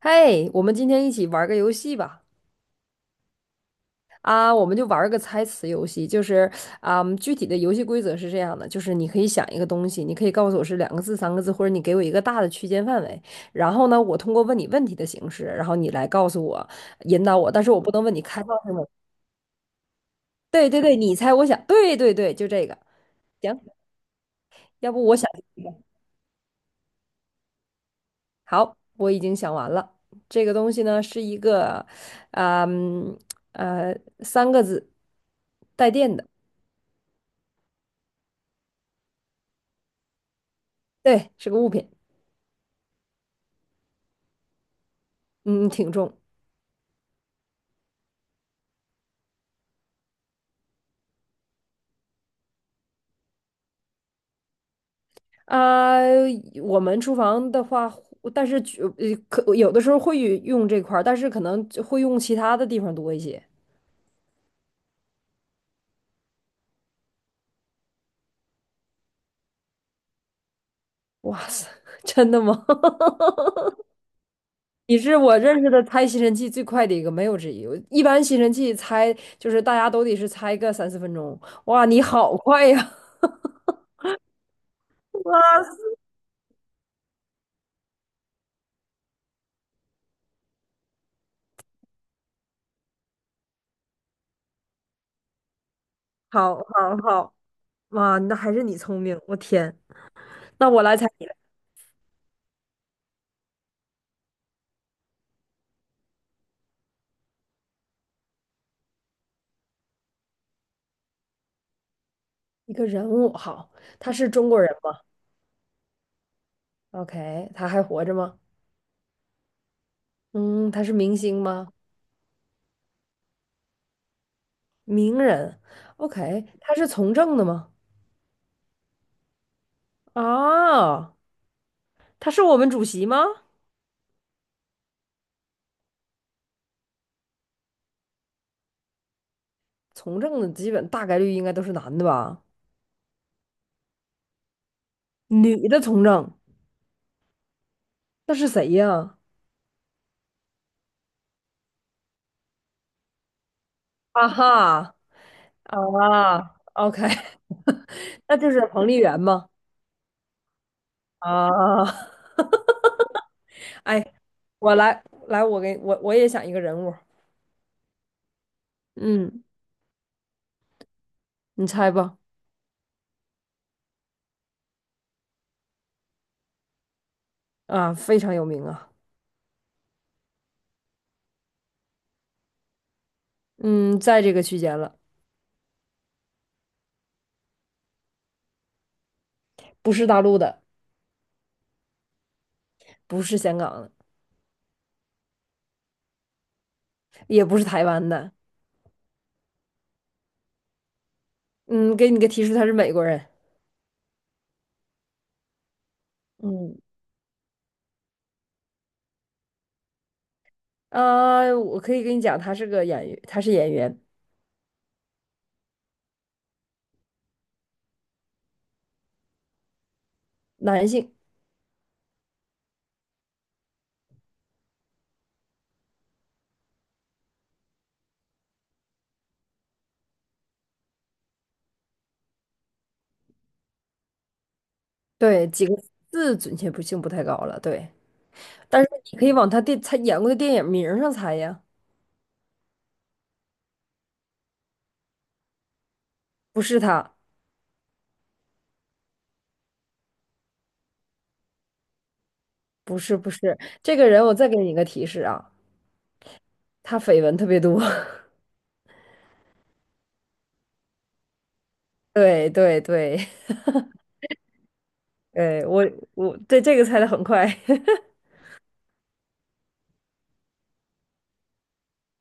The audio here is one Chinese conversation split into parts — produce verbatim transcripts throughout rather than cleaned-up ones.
嘿，我们今天一起玩儿个游戏吧！啊，我们就玩儿个猜词游戏，就是啊，具体的游戏规则是这样的，就是你可以想一个东西，你可以告诉我是两个字、三个字，或者你给我一个大的区间范围，然后呢，我通过问你问题的形式，然后你来告诉我，引导我，但是我不能问你开放性问题。对对对，你猜我想，对对对，就这个。行，要不我想一个。好，我已经想完了。这个东西呢是一个，嗯呃，三个字带电的。对，是个物品，嗯，挺重。啊、我们厨房的话，但是呃，可有的时候会用这块儿，但是可能就会用其他的地方多一些。哇塞，真的吗？你是我认识的拆吸尘器最快的一个，没有之一。我一般吸尘器拆就是大家都得是拆个三四分钟。哇，你好快呀！哇塞，好好好，哇，那还是你聪明，我天。那我来猜你了，一个人物，好，他是中国人吗？OK，他还活着吗？嗯，他是明星吗？名人。OK，他是从政的吗？啊，他是我们主席吗？从政的基本大概率应该都是男的吧？女的从政，那是谁呀？啊哈啊，OK，那就是彭丽媛吗？啊，哎，我来来，我给我我也想一个人物，嗯，你猜吧。啊，非常有名啊，嗯，在这个区间了，不是大陆的，不是香港的。也不是台湾的。嗯，给你个提示，他是美国人。嗯，啊，我可以跟你讲，他是个演员，他是演员，男性。对，几个字准确不性不太高了。对，但是你可以往他电他演过的电影名儿上猜呀。不是他，不是，不是这个人。我再给你一个提示啊，他绯闻特别多。对对对对，我我对这个猜的很快。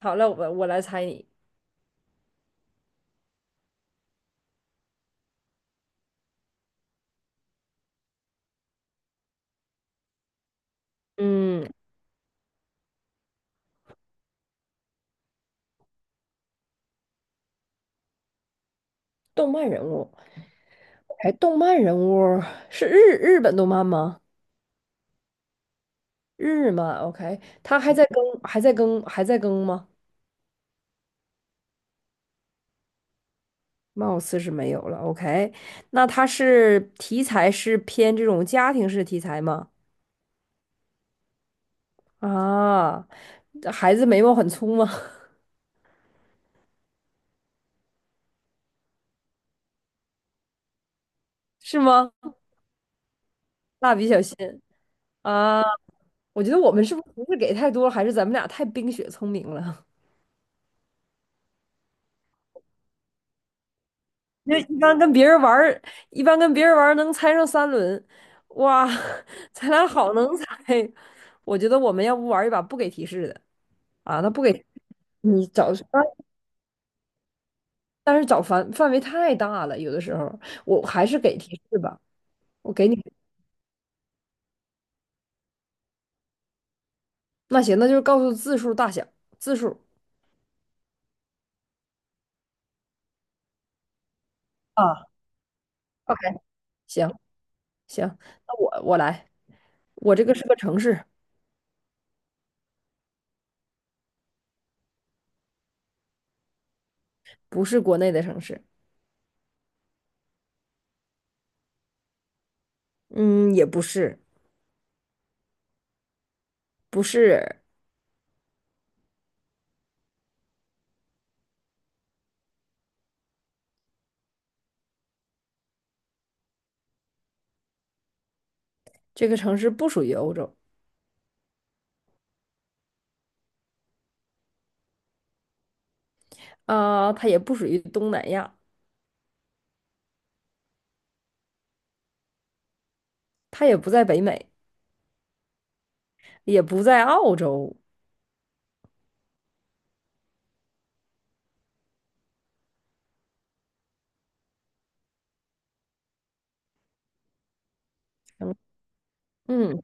好了，我我来猜你。嗯，动漫人物，哎，动漫人物是日日本动漫吗？日漫，OK，它还在更，还在更，还在更吗？貌似是没有了，OK。那它是题材是偏这种家庭式题材吗？啊，孩子眉毛很粗吗？是吗？蜡笔小新啊，我觉得我们是不是不是给太多了还是咱们俩太冰雪聪明了？因为一般跟别人玩儿一般跟别人玩儿能猜上三轮，哇，咱俩好能猜。我觉得我们要不玩一把不给提示的。啊，那不给你找，但但是找范范围太大了，有的时候我还是给提示吧，我给你，那行，那就是告诉字数大小，字数啊，，OK，行行，那我我来，我这个是个城市，不是国内的城市，嗯，也不是，不是这个城市不属于欧洲啊，它也不属于东南亚，它也不在北美，也不在澳洲，嗯，嗯，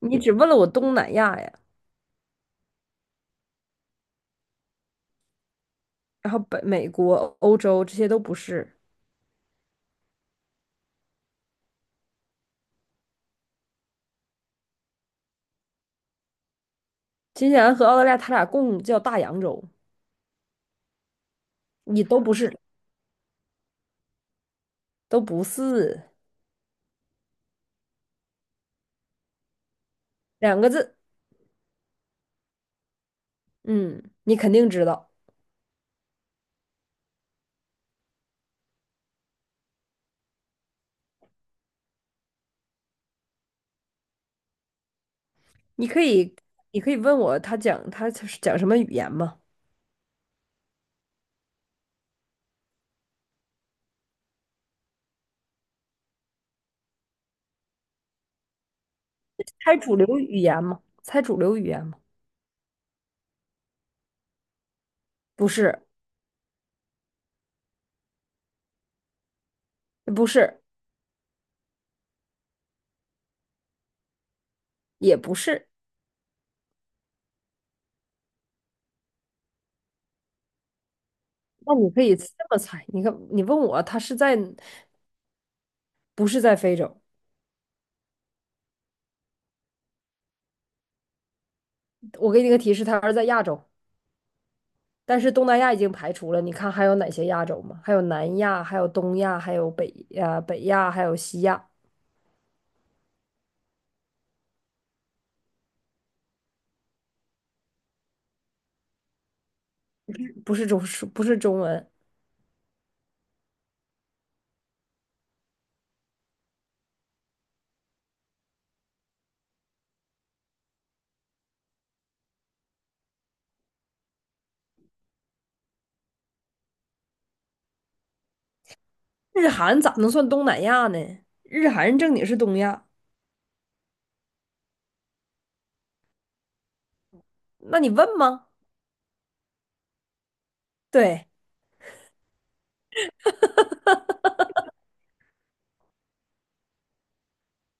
你只问了我东南亚呀。然后北美国、欧洲这些都不是，新西兰和澳大利亚它俩共叫大洋洲，你都不是，都不是两个字，嗯，你肯定知道，你可以，你可以问我他讲他是讲什么语言吗？猜主流语言吗？猜主流语言吗？不是，不是，也不是。那你可以这么猜，你看，你问我他是在，不是在非洲？我给你个提示，他是在亚洲。但是东南亚已经排除了，你看还有哪些亚洲吗？还有南亚，还有东亚，还有北啊，北亚，还有西亚，不是中不是中文，日韩咋能算东南亚呢？日韩正经是东亚，那你问吗？对，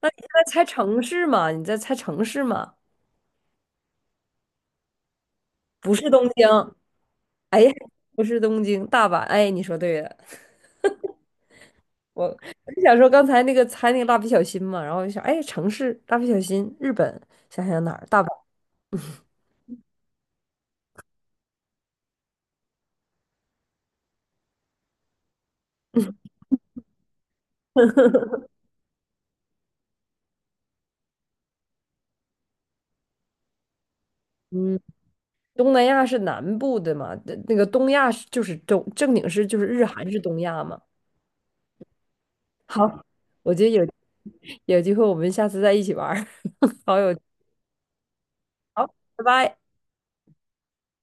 你在猜城市嘛？你在猜城市嘛？不是东京，哎呀不是东京，大阪，哎，你说对了，我我就想说刚才那个猜那个蜡笔小新嘛，然后我就想，哎，城市，蜡笔小新，日本，想想哪儿，大阪，嗯。东南亚是南部的嘛，那那个东亚是就是正正经是就是日韩是东亚嘛。好，我觉得有有机会我们下次再一起玩儿 好有，好，拜拜。